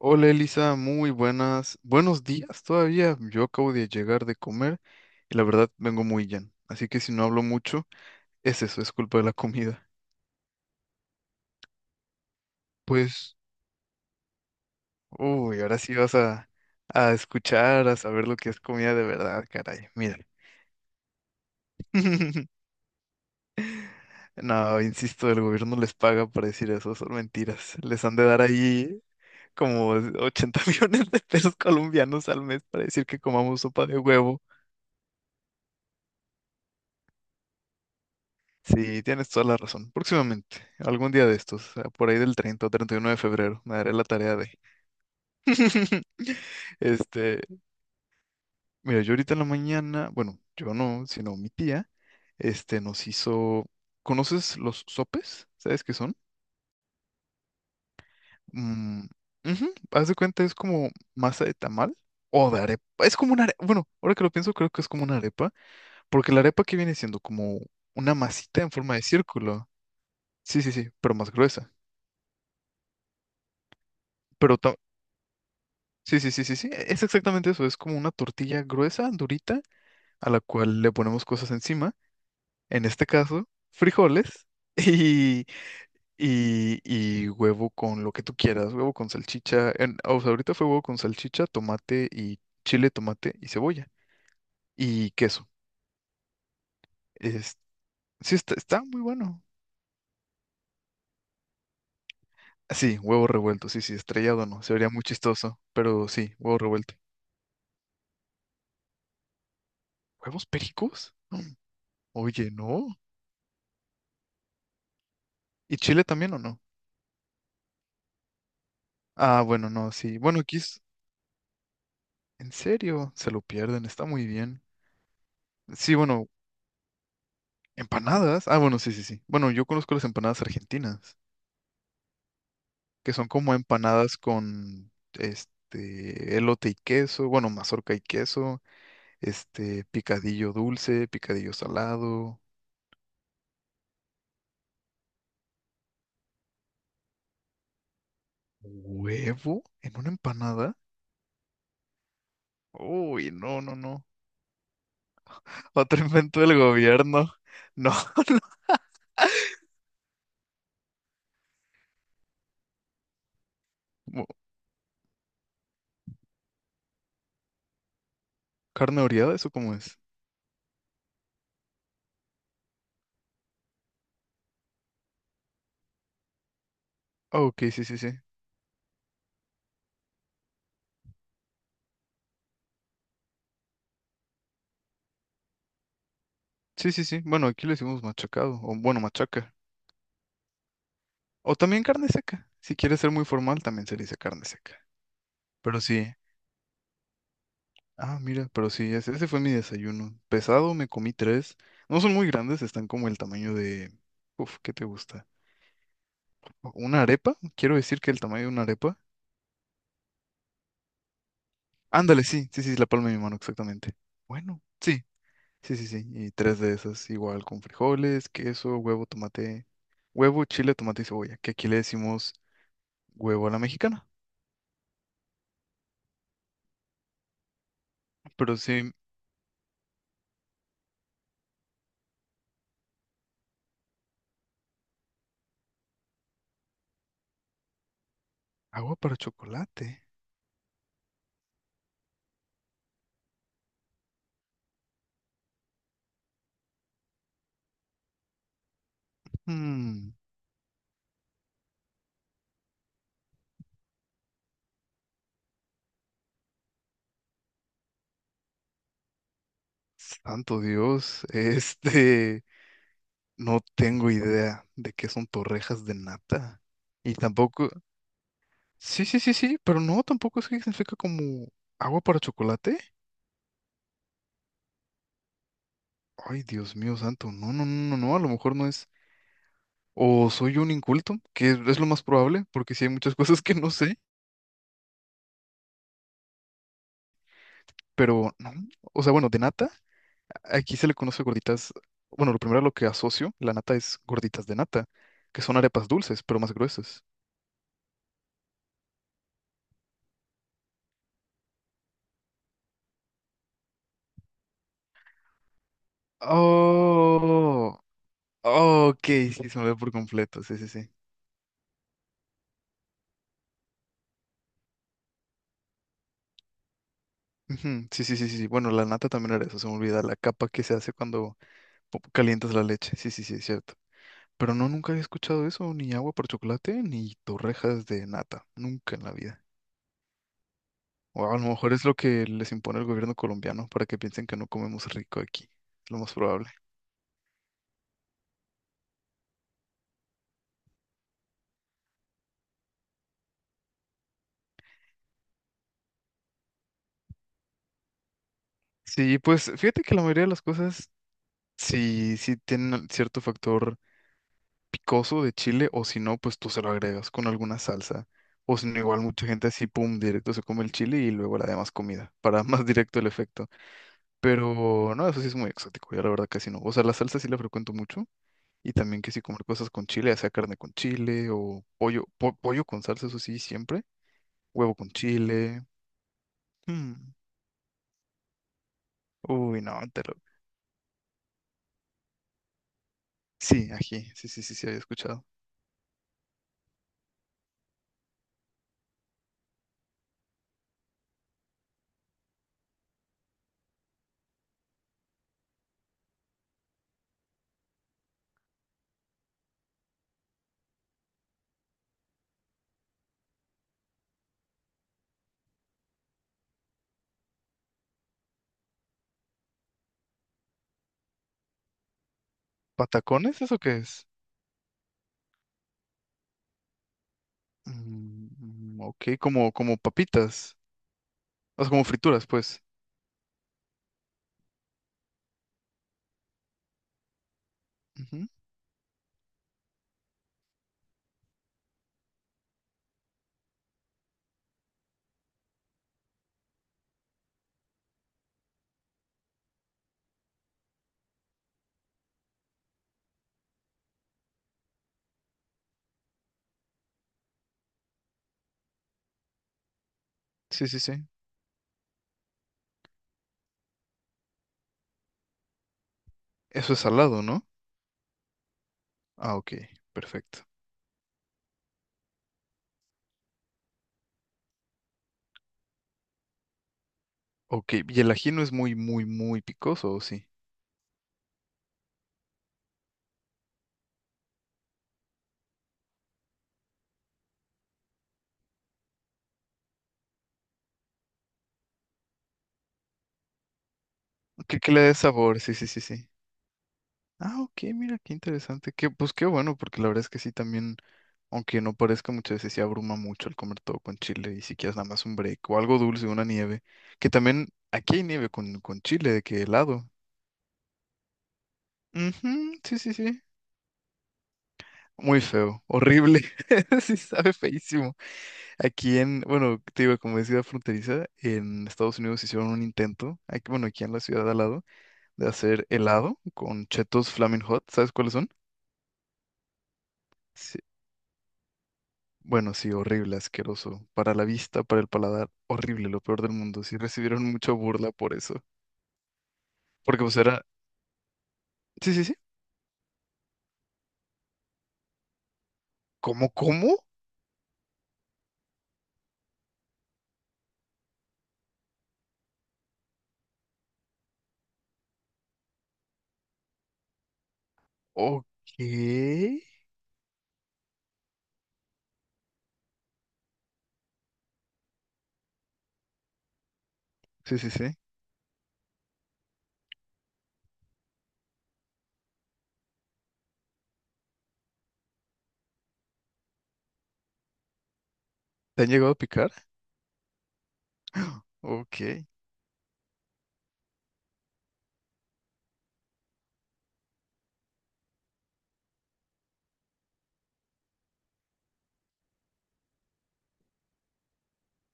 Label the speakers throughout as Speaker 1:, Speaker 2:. Speaker 1: Hola Elisa, muy buenas, buenos días todavía. Yo acabo de llegar de comer y la verdad vengo muy lleno. Así que si no hablo mucho, es eso, es culpa de la comida. Pues, uy, ahora sí vas a escuchar, a saber lo que es comida de verdad, caray. Mira. No, insisto, el gobierno les paga para decir eso, son mentiras. Les han de dar ahí como 80 millones de pesos colombianos al mes para decir que comamos sopa de huevo. Sí, tienes toda la razón. Próximamente, algún día de estos, por ahí del 30 o 31 de febrero, me daré la tarea de... Este, mira, yo ahorita en la mañana, bueno, yo no, sino mi tía, nos hizo... ¿Conoces los sopes? ¿Sabes qué son? Mm, ujú. Haz de cuenta, es como masa de tamal o de arepa. Es como una arepa, bueno, ahora que lo pienso, creo que es como una arepa, porque la arepa que viene siendo como una masita en forma de círculo. Sí, sí, sí, pero más gruesa. Pero ta- Sí, sí, sí, sí, sí. Es exactamente eso. Es como una tortilla gruesa, durita, a la cual le ponemos cosas encima. En este caso, frijoles y, y huevo con lo que tú quieras. Huevo con salchicha. O sea, ahorita fue huevo con salchicha, tomate y chile, tomate y cebolla. Y queso. Es, sí, está muy bueno. Sí, huevo revuelto. Sí, sí, estrellado no. Se vería muy chistoso. Pero sí, huevo revuelto. ¿Huevos pericos? Mm. Oye, no. ¿Y chile también o no? Ah, bueno, no, sí. En serio, se lo pierden, está muy bien. Sí, bueno, empanadas. Ah, bueno, sí, sí, sí. Bueno, yo conozco las empanadas argentinas, que son como empanadas con este elote y queso, bueno, mazorca y queso, este picadillo dulce, picadillo salado, huevo en una empanada. Uy, no, no, no. Otro invento del gobierno. No. Mo- ¿Carne oreada? ¿Eso cómo es? Ah, ok, sí, sí, sí. Sí, sí, sí. Bueno, aquí le decimos machacado, o bueno, machaca. O también carne seca. Si quieres ser muy formal, también se le dice carne seca. Pero sí. Ah, mira, pero sí, ese fue mi desayuno. Pesado, me comí tres. No son muy grandes, están como el tamaño de... Uf, ¿qué te gusta? ¿Una arepa? Quiero decir que el tamaño de una arepa. Ándale, sí, sí, sí, la palma de mi mano, exactamente. Bueno, sí, sí, sí, sí. Y tres de esas, igual con frijoles, queso, huevo, tomate. Huevo, chile, tomate y cebolla, que aquí le decimos huevo a la mexicana. Pero sí, Agua para chocolate. Mm, santo Dios, no tengo idea de qué son torrejas de nata. Y tampoco, sí, sí, sí, sí, pero no, tampoco es que significa como agua para chocolate. Ay, Dios mío, santo, no, no, no, no, no, a lo mejor no es. O soy un inculto, que es lo más probable, porque sí hay muchas cosas que no sé, pero no, o sea, bueno, de nata. Aquí se le conoce gorditas. Bueno, lo primero a lo que asocio la nata es gorditas de nata, que son arepas dulces, pero más gruesas. Oh, oh, ok, sí, se me ve por completo. Sí, sí, sí. Ujú. Sí, sí, sí, sí, sí. Bueno, la nata también era eso, se me olvida, la capa que se hace cuando calientas la leche. Sí, sí, sí, es cierto. Pero no, nunca había escuchado eso, ni agua por chocolate, ni torrejas de nata. Nunca en la vida. O a lo mejor es lo que les impone el gobierno colombiano para que piensen que no comemos rico aquí. Es lo más probable. Sí, pues fíjate que la mayoría de las cosas sí, tienen cierto factor picoso de chile, o si no, pues tú se lo agregas con alguna salsa. O si no, igual mucha gente así, pum, directo se come el chile y luego la demás comida, para más directo el efecto. Pero no, eso sí es muy exótico, yo la verdad casi no. O sea, la salsa sí la frecuento mucho y también que sí comer cosas con chile, ya sea carne con chile o pollo, pollo con salsa, eso sí, siempre. Huevo con chile. mm, Uy, no, te lo... Sí, ají, sí, sí, sí, sí, había escuchado. ¿Patacones? ¿Eso qué es? Mm, ok, como papitas. O sea, como frituras, pues. Ujú. Sí, sí, sí. Eso es salado, ¿no? Ah, ok, perfecto. Ok, y el ají no es muy, muy, muy picoso, ¿o sí? Que le dé sabor, sí, sí, sí, sí. Ah, ok, mira, qué interesante. Que, pues qué bueno, porque la verdad es que sí también, aunque no parezca muchas veces, sí abruma mucho el comer todo con chile y si quieres nada más un break o algo dulce, una nieve. Que también aquí hay nieve con chile, de que helado. Ujú, sí, sí, sí. Muy feo, horrible, sí sabe feísimo. Aquí en, bueno, te digo, como es ciudad fronteriza, en Estados Unidos hicieron un intento, aquí, bueno, aquí en la ciudad de al lado, de hacer helado con chetos Flaming Hot, ¿sabes cuáles son? Sí. Bueno, sí, horrible, asqueroso, para la vista, para el paladar, horrible, lo peor del mundo, sí recibieron mucha burla por eso, porque pues era, sí, sí, sí. ¿Cómo, cómo? Ok, sí, sí, sí, ¿te han llegado a picar? Ok, sí,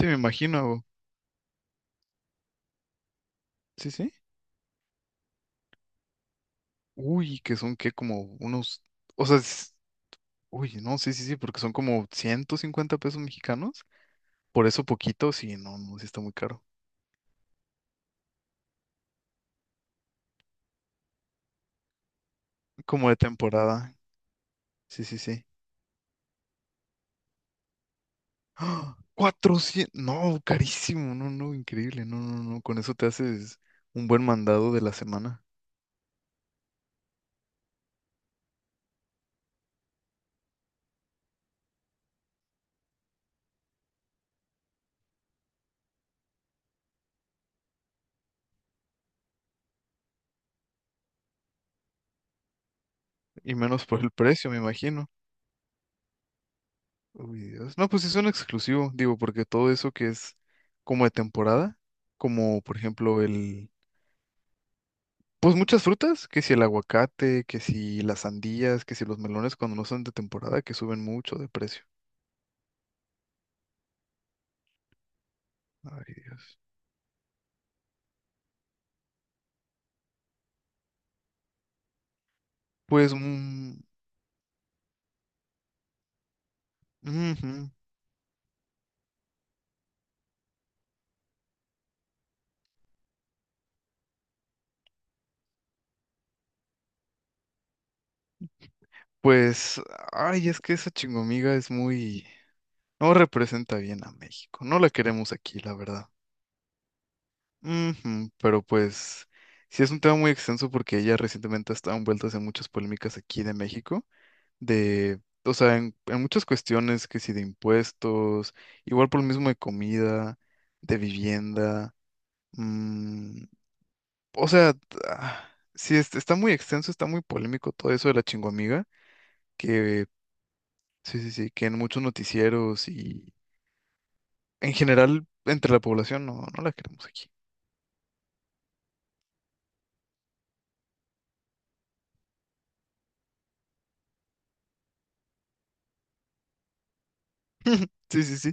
Speaker 1: me imagino, sí, sí. Uy, que son que como unos, o sea, uy, no, sí, sí, sí, porque son como 150 pesos mexicanos. Por eso poquito, sí, no, no, sí está muy caro. Como de temporada, sí, sí, sí. ¡Ah! 400, no, carísimo, no, no, increíble, no, no, no, con eso te haces un buen mandado de la semana. Y menos por el precio, me imagino. Uy, Dios. No, pues es un exclusivo, digo, porque todo eso que es como de temporada, como por ejemplo el Pues muchas frutas, que si el aguacate, que si las sandías, que si los melones cuando no son de temporada, que suben mucho de precio. Ay, Dios. Pues, mm, ujú. Pues, ay, es que esa chingomiga es muy... No representa bien a México. No la queremos aquí, la verdad. Ujú. Pero pues, sí es un tema muy extenso porque ella recientemente ha estado envuelta en muchas polémicas aquí de México, de, o sea, en muchas cuestiones que si de impuestos, igual por lo mismo de comida, de vivienda, mm, o sea, ah, sí, está muy extenso, está muy polémico todo eso de la chingoamiga, que sí, sí, sí, que en muchos noticieros y en general entre la población no la queremos aquí. Sí, sí, sí.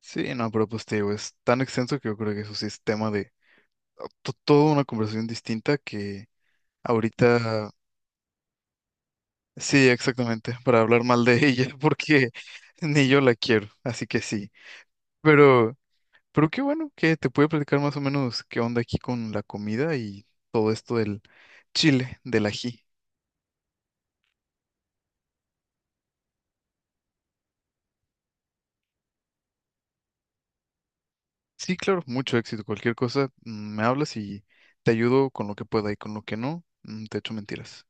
Speaker 1: Sí, no, pero pues te digo, es tan extenso que yo creo que eso sí es tema de toda una conversación distinta que ahorita. Sí, exactamente, para hablar mal de ella, porque ni yo la quiero, así que sí. Pero, pero qué bueno que te pude platicar más o menos qué onda aquí con la comida y todo esto del chile, del ají. Sí, claro, mucho éxito. Cualquier cosa, me hablas y te ayudo con lo que pueda y con lo que no, te echo mentiras.